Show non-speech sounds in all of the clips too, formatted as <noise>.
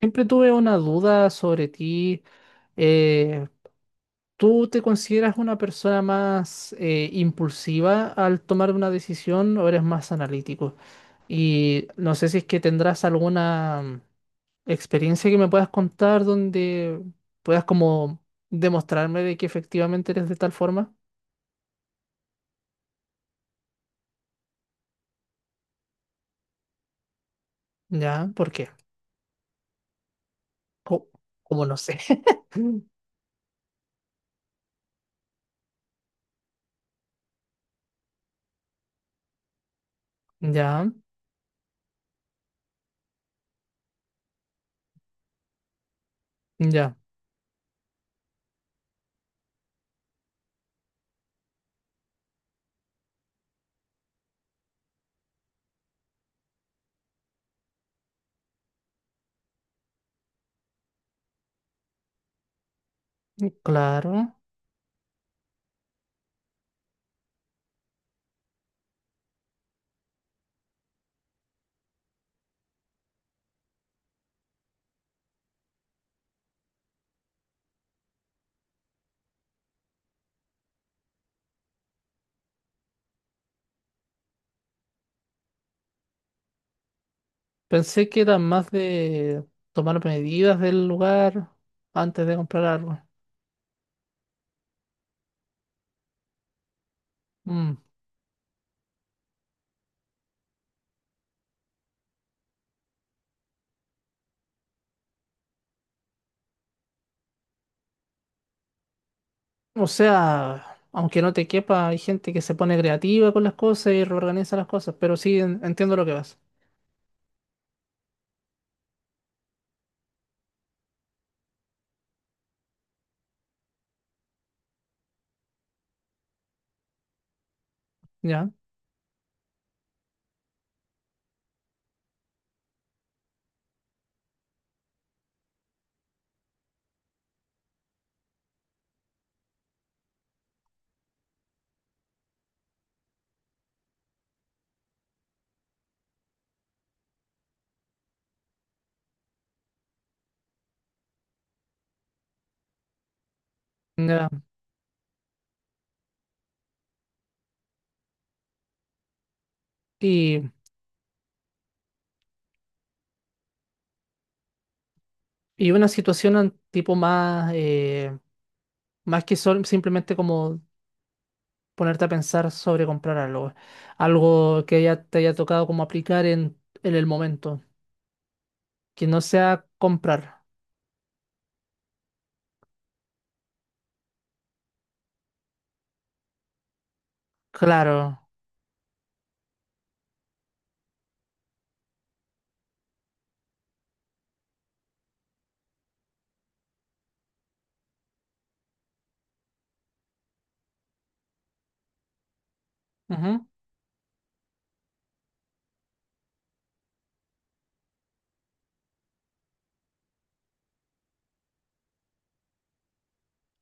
Siempre tuve una duda sobre ti. Eh, ¿Tú te consideras una persona más impulsiva al tomar una decisión o eres más analítico? Y no sé si es que tendrás alguna experiencia que me puedas contar donde puedas como demostrarme de que efectivamente eres de tal forma. Ya, ¿por qué? Co- Como no sé. <laughs> Ya, ya, claro. Pensé que era más de tomar medidas del lugar antes de comprar algo. Mm. O sea, aunque no te quepa, hay gente que se pone creativa con las cosas y reorganiza las cosas, pero sí entiendo lo que vas. Ya, ya. Y, y una situación tipo más, más que simplemente como ponerte a pensar sobre comprar algo. Algo que ya te haya tocado como aplicar en el momento. Que no sea comprar. Claro. Ujú,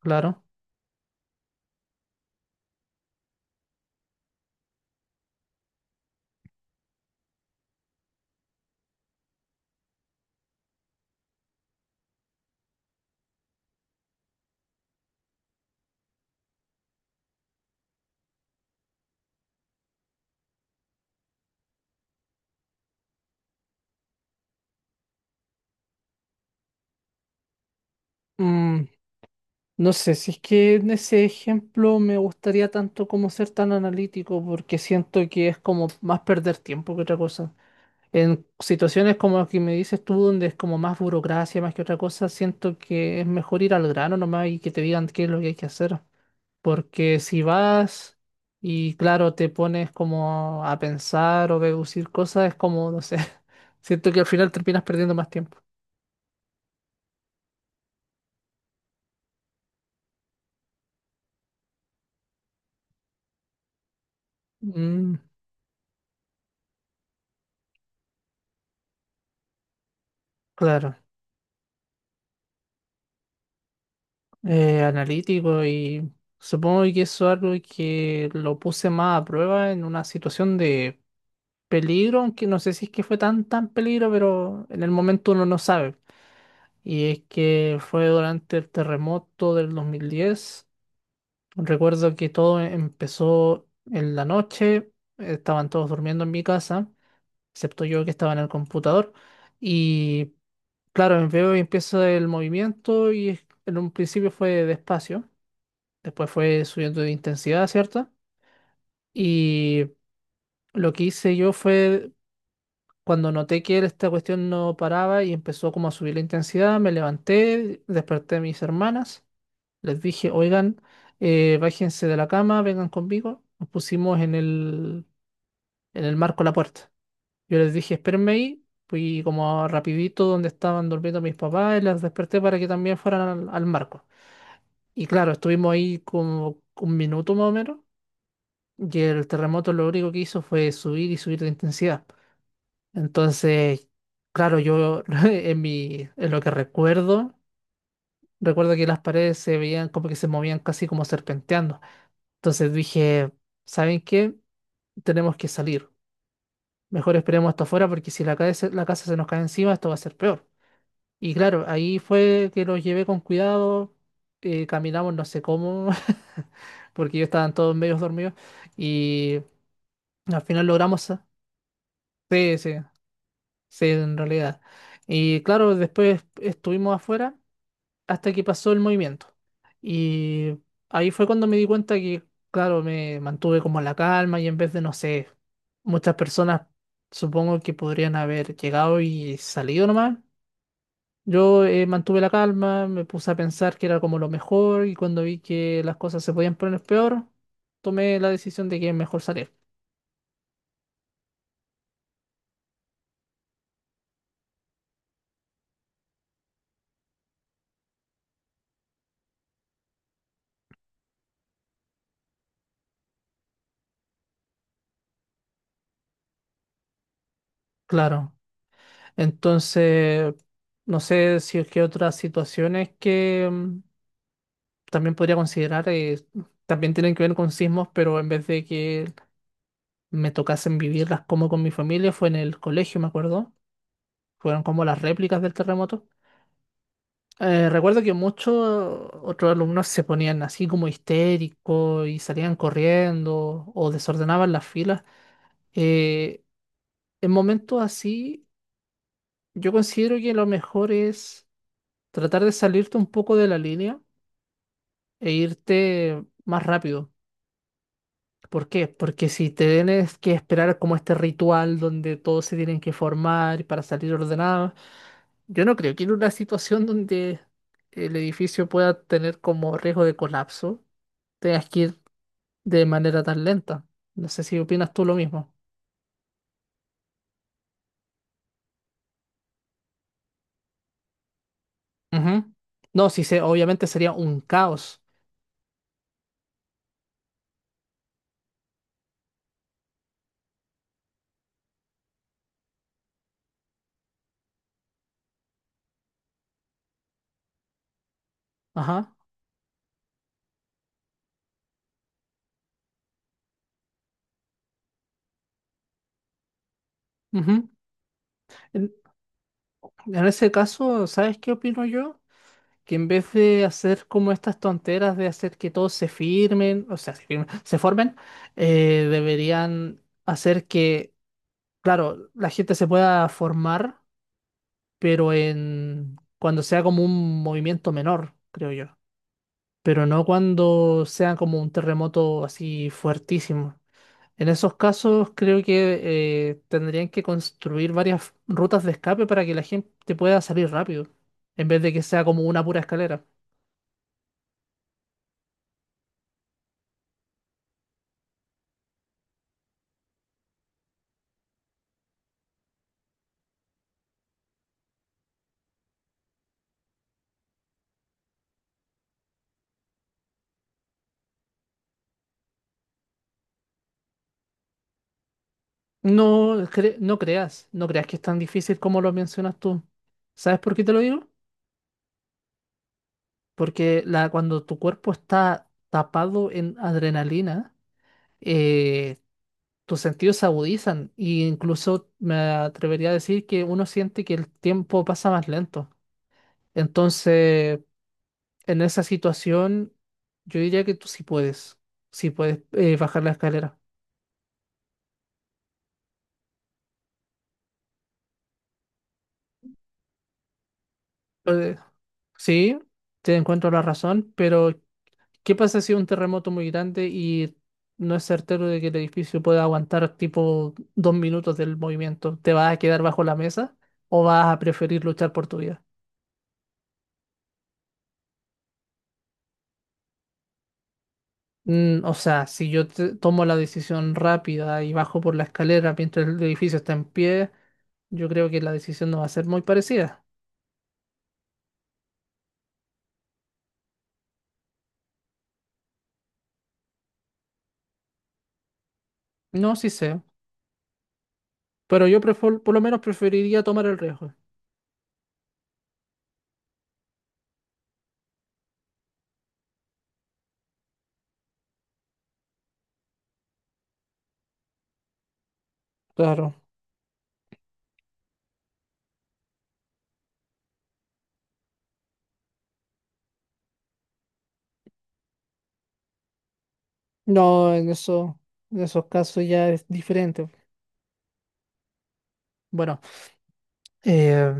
claro. Mm, no sé, si es que en ese ejemplo me gustaría tanto como ser tan analítico, porque siento que es como más perder tiempo que otra cosa. En situaciones como las que me dices tú, donde es como más burocracia, más que otra cosa, siento que es mejor ir al grano nomás y que te digan qué es lo que hay que hacer. Porque si vas y claro, te pones como a pensar o deducir cosas, es como, no sé, <laughs> siento que al final terminas perdiendo más tiempo. Mm, claro. Analítico y supongo que eso es algo que lo puse más a prueba en una situación de peligro, aunque no sé si es que fue tan tan peligro, pero en el momento uno no sabe. Y es que fue durante el terremoto del 2010. Recuerdo que todo empezó en la noche, estaban todos durmiendo en mi casa, excepto yo que estaba en el computador. Y claro, veo y empiezo el movimiento y en un principio fue despacio. Después fue subiendo de intensidad, ¿cierto? Y lo que hice yo fue, cuando noté que esta cuestión no paraba y empezó como a subir la intensidad, me levanté, desperté a mis hermanas, les dije, oigan, bájense de la cama, vengan conmigo. Nos pusimos en el marco de la puerta. Yo les dije, espérenme ahí, fui como rapidito donde estaban durmiendo mis papás y las desperté para que también fueran al marco. Y claro, estuvimos ahí como 1 minuto más o menos. Y el terremoto lo único que hizo fue subir y subir de intensidad. Entonces, claro, yo <laughs> en lo que recuerdo, recuerdo que las paredes se veían como que se movían casi como serpenteando. Entonces dije, ¿saben qué? Tenemos que salir. Mejor esperemos hasta afuera porque si la cae se- la casa se nos cae encima, esto va a ser peor. Y claro, ahí fue que los llevé con cuidado, caminamos no sé cómo, <laughs> porque ellos estaban todos medios dormidos y al final logramos... Sí, sí. Sí, en realidad. Y claro, después estuvimos afuera hasta que pasó el movimiento. Y ahí fue cuando me di cuenta que, claro, me mantuve como la calma y en vez de, no sé, muchas personas supongo que podrían haber llegado y salido nomás. Yo mantuve la calma, me puse a pensar que era como lo mejor y cuando vi que las cosas se podían poner peor, tomé la decisión de que es mejor salir. Claro. Entonces, no sé si es que otras situaciones que también podría considerar también tienen que ver con sismos, pero en vez de que me tocasen vivirlas como con mi familia, fue en el colegio, me acuerdo. Fueron como las réplicas del terremoto. Recuerdo que muchos otros alumnos se ponían así como histéricos y salían corriendo o desordenaban las filas. Eh, en momentos así, yo considero que lo mejor es tratar de salirte un poco de la línea e irte más rápido. ¿Por qué? Porque si te tienes que esperar como este ritual donde todos se tienen que formar para salir ordenados, yo no creo que en una situación donde el edificio pueda tener como riesgo de colapso, tengas que ir de manera tan lenta. No sé si opinas tú lo mismo. Ujú. No, sí, se obviamente sería un caos. Ajá. Ujú. En, en ese caso, ¿sabes qué opino yo? Que en vez de hacer como estas tonteras de hacer que todos se firmen, o sea, <laughs> se formen, deberían hacer que, claro, la gente se pueda formar, pero en cuando sea como un movimiento menor, creo yo, pero no cuando sea como un terremoto así fuertísimo. En esos casos creo que tendrían que construir varias rutas de escape para que la gente pueda salir rápido, en vez de que sea como una pura escalera. No, no creas, no creas que es tan difícil como lo mencionas tú. ¿Sabes por qué te lo digo? Porque la, cuando tu cuerpo está tapado en adrenalina, eh, tus sentidos se agudizan e incluso me atrevería a decir que uno siente que el tiempo pasa más lento. Entonces, en esa situación, yo diría que sí puedes bajar la escalera. Eh, sí, te encuentro la razón, pero ¿qué pasa si es un terremoto muy grande y no es certero de que el edificio pueda aguantar tipo 2 minutos del movimiento? ¿Te vas a quedar bajo la mesa o vas a preferir luchar por tu vida? Mm, o sea, si yo tomo la decisión rápida y bajo por la escalera mientras el edificio está en pie, yo creo que la decisión no va a ser muy parecida. No, sí sé, pero yo por lo menos preferiría tomar el riesgo. Claro. No, en eso, en esos casos ya es diferente. Bueno. eh,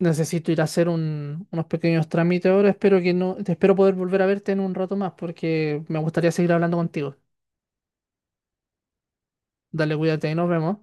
Necesito ir a hacer unos pequeños trámites ahora. Espero que no, Espero poder volver a verte en un rato más porque me gustaría seguir hablando contigo. Dale, cuídate y nos vemos.